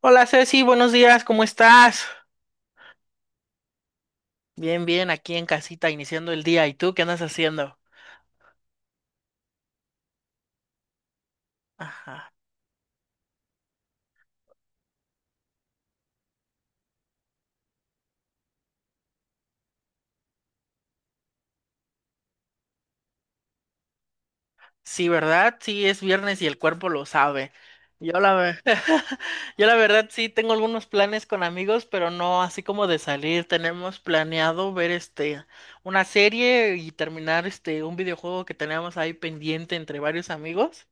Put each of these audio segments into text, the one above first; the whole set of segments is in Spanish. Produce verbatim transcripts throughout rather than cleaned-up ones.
Hola Ceci, buenos días, ¿cómo estás? Bien, bien, aquí en casita iniciando el día. ¿Y tú qué andas haciendo? Ah, sí, ¿verdad? Sí, es viernes y el cuerpo lo sabe. Yo la, ve- yo la verdad sí tengo algunos planes con amigos, pero no así como de salir. Tenemos planeado ver este una serie y terminar este un videojuego que tenemos ahí pendiente entre varios amigos.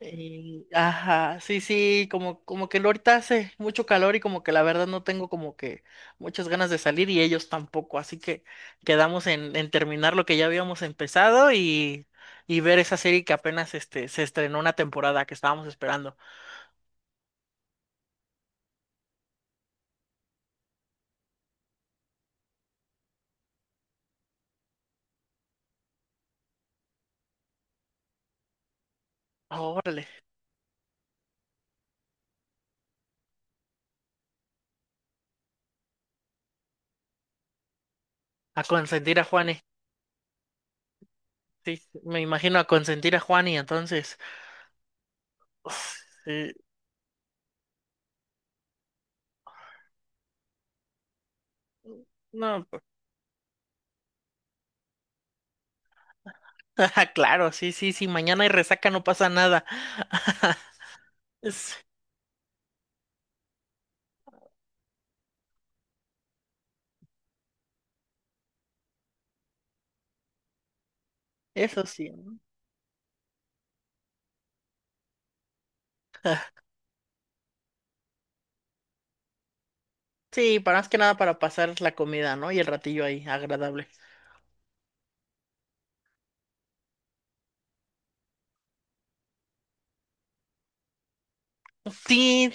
Y- ajá, sí, sí, como, como que ahorita hace mucho calor y como que la verdad no tengo como que muchas ganas de salir y ellos tampoco, así que quedamos en, en terminar lo que ya habíamos empezado y, y ver esa serie que apenas este, se estrenó una temporada que estábamos esperando. Órale, a consentir a Juani, sí, me imagino a consentir a Juani, entonces, uf, sí, no, claro, sí, sí, sí, mañana hay resaca, no pasa nada. Es- Eso sí. ¿No? Sí, para más que nada para pasar la comida, ¿no? Y el ratillo ahí, agradable. Sí,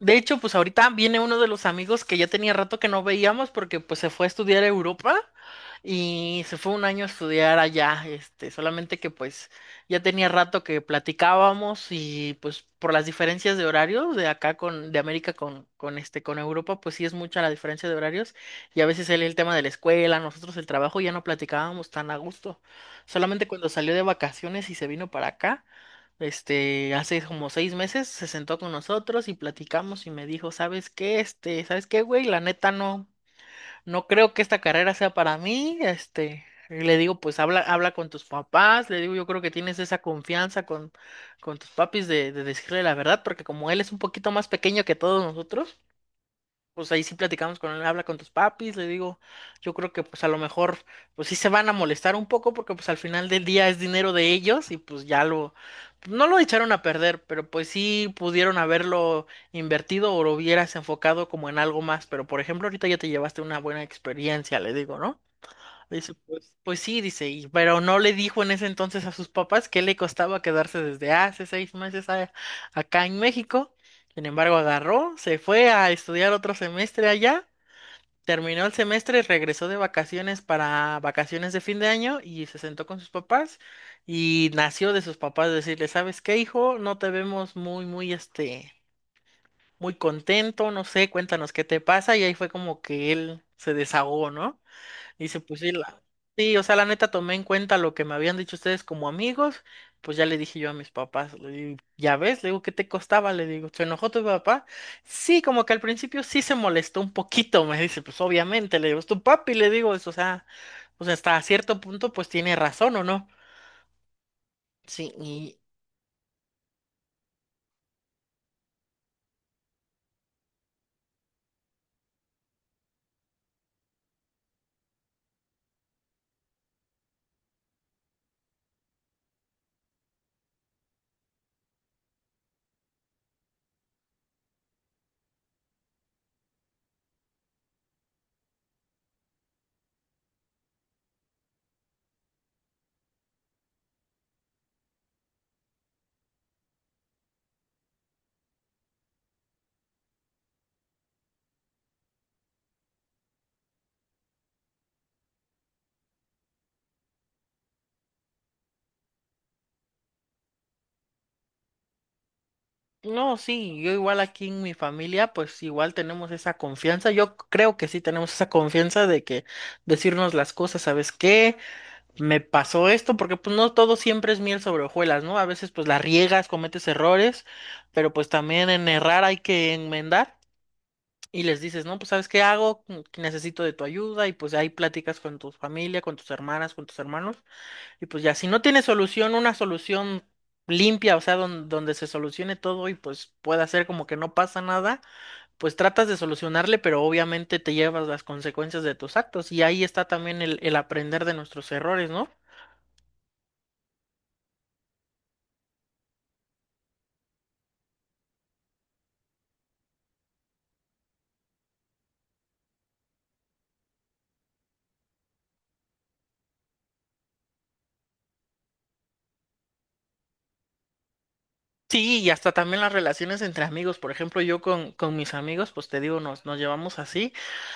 de hecho, pues ahorita viene uno de los amigos que ya tenía rato que no veíamos porque pues se fue a estudiar a Europa y se fue un año a estudiar allá, este, solamente que pues ya tenía rato que platicábamos y pues por las diferencias de horarios de acá con, de América con, con este, con Europa, pues sí es mucha la diferencia de horarios y a veces él el tema de la escuela, nosotros el trabajo, ya no platicábamos tan a gusto. Solamente cuando salió de vacaciones y se vino para acá. Este, hace como seis meses se sentó con nosotros y platicamos y me dijo, ¿sabes qué? Este, ¿sabes qué, güey? La neta no, no creo que esta carrera sea para mí. Este, y le digo, pues habla, habla con tus papás. Le digo, yo creo que tienes esa confianza con, con tus papis de, de decirle la verdad, porque como él es un poquito más pequeño que todos nosotros, pues ahí sí platicamos con él, habla con tus papis, le digo, yo creo que pues a lo mejor pues sí se van a molestar un poco porque pues al final del día es dinero de ellos y pues ya lo, no lo echaron a perder, pero pues sí pudieron haberlo invertido o lo hubieras enfocado como en algo más, pero por ejemplo ahorita ya te llevaste una buena experiencia, le digo, ¿no? Dice, pues, pues sí, dice, y, pero no le dijo en ese entonces a sus papás que le costaba quedarse desde hace seis meses a- acá en México. Sin embargo, agarró, se fue a estudiar otro semestre allá, terminó el semestre, regresó de vacaciones para vacaciones de fin de año y se sentó con sus papás y nació de sus papás decirle, ¿sabes qué, hijo? No te vemos muy, muy, este, muy contento, no sé, cuéntanos qué te pasa y ahí fue como que él se desahogó, ¿no? Dice, pues sí, la... Sí, o sea, la neta tomé en cuenta lo que me habían dicho ustedes como amigos, pues ya le dije yo a mis papás, le digo, ya ves, le digo, ¿qué te costaba? Le digo, ¿se enojó tu papá? Sí, como que al principio sí se molestó un poquito, me dice, pues obviamente, le digo, es tu papi, le digo, es, o sea, o sea, hasta cierto punto pues tiene razón, ¿o no? Sí, y no, sí, yo igual aquí en mi familia, pues igual tenemos esa confianza. Yo creo que sí tenemos esa confianza de que decirnos las cosas, ¿sabes qué? Me pasó esto, porque pues no todo siempre es miel sobre hojuelas, ¿no? A veces pues la riegas, cometes errores, pero pues también en errar hay que enmendar y les dices, no, pues sabes qué hago, Mm, que necesito de tu ayuda y pues ahí platicas con tu familia, con tus hermanas, con tus hermanos y pues ya, si no tienes solución, una solución limpia, o sea, don- donde se solucione todo y pues pueda ser como que no pasa nada, pues tratas de solucionarle, pero obviamente te llevas las consecuencias de tus actos y ahí está también el, el aprender de nuestros errores, ¿no? Sí, y hasta también las relaciones entre amigos. Por ejemplo, yo con, con mis amigos, pues te digo, nos, nos llevamos así.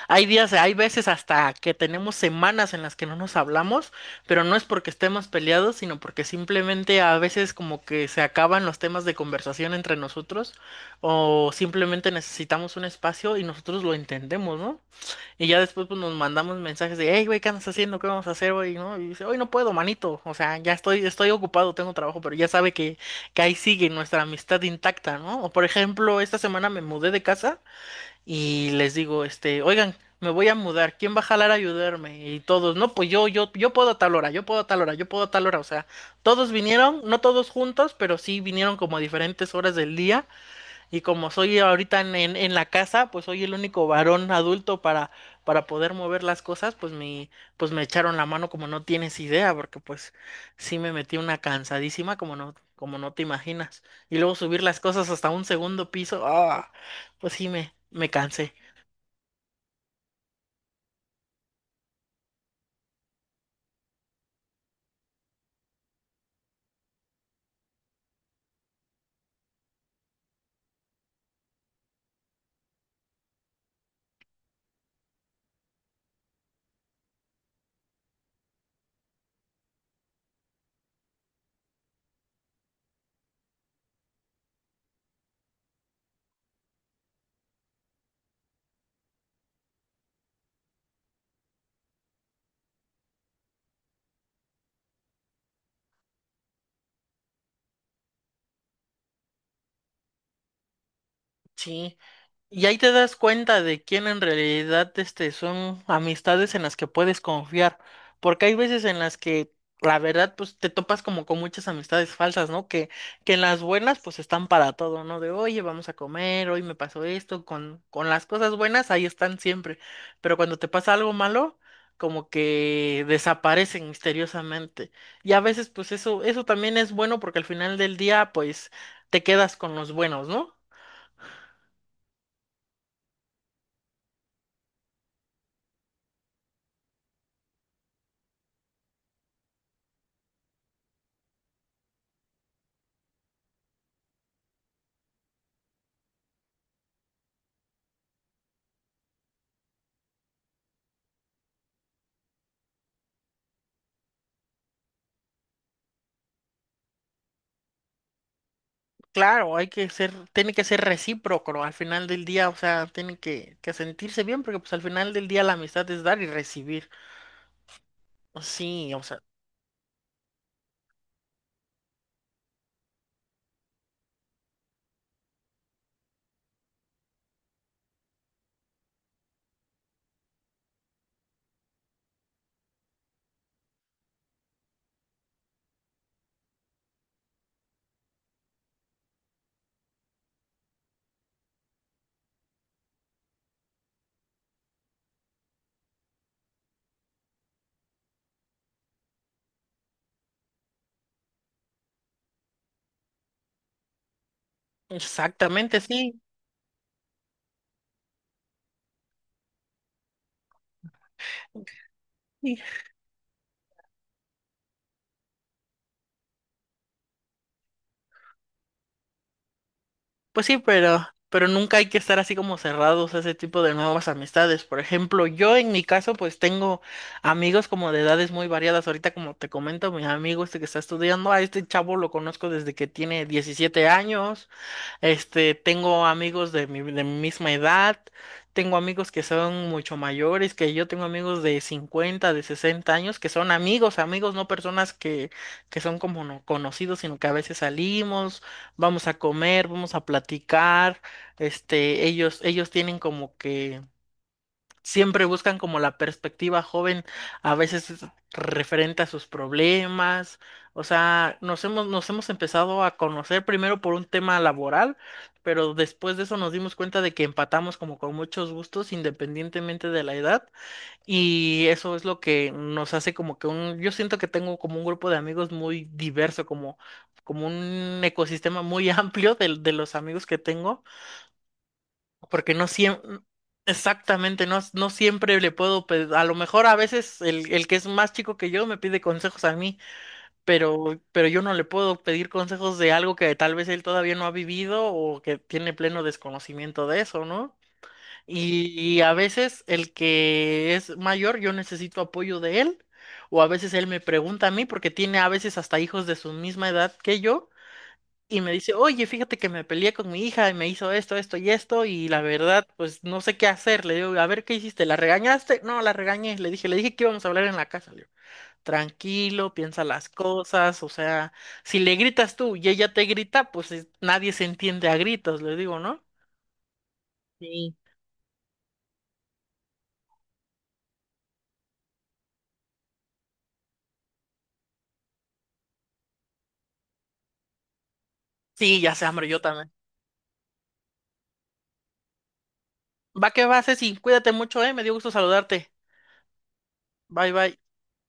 Hay días, hay veces hasta que tenemos semanas en las que no nos hablamos, pero no es porque estemos peleados, sino porque simplemente a veces como que se acaban los temas de conversación entre nosotros o simplemente necesitamos un espacio y nosotros lo entendemos, ¿no? Y ya después pues, nos mandamos mensajes de, hey, güey, ¿qué andas haciendo? ¿Qué vamos a hacer, güey? ¿No? Y dice, hoy no puedo, manito. O sea, ya estoy, estoy ocupado, tengo trabajo, pero ya sabe que, que ahí sigue nuestra amistad intacta, ¿no? O por ejemplo, esta semana me mudé de casa y les digo, este, oigan, me voy a mudar, ¿quién va a jalar a ayudarme? Y todos, no, pues yo, yo, yo puedo a tal hora, yo puedo a tal hora, yo puedo a tal hora. O sea, todos vinieron, no todos juntos, pero sí vinieron como a diferentes horas del día y como soy ahorita en, en- en la casa, pues soy el único varón adulto para, para poder mover las cosas, pues me, pues me echaron la mano como no tienes idea, porque pues sí me metí una cansadísima como no, como no te imaginas. Y luego subir las cosas hasta un segundo piso, ah, pues sí me, me cansé. Sí. Y ahí te das cuenta de quién en realidad este, son amistades en las que puedes confiar, porque hay veces en las que la verdad pues te topas como con muchas amistades falsas, ¿no? Que, que en las buenas pues están para todo, ¿no? De oye, vamos a comer, hoy me pasó esto, con, con las cosas buenas ahí están siempre, pero cuando te pasa algo malo, como que desaparecen misteriosamente. Y a veces pues eso, eso también es bueno porque al final del día pues te quedas con los buenos, ¿no? Claro, hay que ser, tiene que ser recíproco, ¿no? Al final del día, o sea, tiene que, que sentirse bien, porque pues al final del día la amistad es dar y recibir. Sí, o sea, exactamente, sí. Sí, pues sí, pero, pero nunca hay que estar así como cerrados a ese tipo de nuevas amistades. Por ejemplo, yo en mi caso, pues tengo amigos como de edades muy variadas. Ahorita, como te comento, mi amigo este que está estudiando, a este chavo lo conozco desde que tiene diecisiete años. Este, tengo amigos de mi, de mi misma edad, tengo amigos que son mucho mayores, que yo tengo amigos de cincuenta de sesenta años, que son amigos, amigos, no personas que, que son como no conocidos, sino que a veces salimos, vamos a comer, vamos a platicar, este, ellos, ellos tienen como que siempre buscan como la perspectiva joven, a veces es referente a sus problemas, o sea, nos hemos, nos hemos empezado a conocer primero por un tema laboral, pero después de eso nos dimos cuenta de que empatamos como con muchos gustos independientemente de la edad y eso es lo que nos hace como que un, yo siento que tengo como un grupo de amigos muy diverso, como, como un ecosistema muy amplio de, de los amigos que tengo porque no siempre, exactamente, no, no siempre le puedo, pe- a lo mejor a veces el, el que es más chico que yo me pide consejos a mí, pero, pero yo no le puedo pedir consejos de algo que tal vez él todavía no ha vivido o que tiene pleno desconocimiento de eso, ¿no? Y, y a veces el que es mayor, yo necesito apoyo de él, o a veces él me pregunta a mí, porque tiene a veces hasta hijos de su misma edad que yo y me dice, oye, fíjate que me peleé con mi hija y me hizo esto, esto y esto, y la verdad, pues no sé qué hacer. Le digo, a ver, ¿qué hiciste? ¿La regañaste? No, la regañé. Le dije, le dije que íbamos a hablar en la casa. Le digo, tranquilo, piensa las cosas, o sea, si le gritas tú y ella te grita, pues es- nadie se entiende a gritos, le digo, ¿no? Sí. Sí, ya sé, hombre, yo también. Va que va, Ceci, cuídate mucho, eh, me dio gusto saludarte. Bye, bye.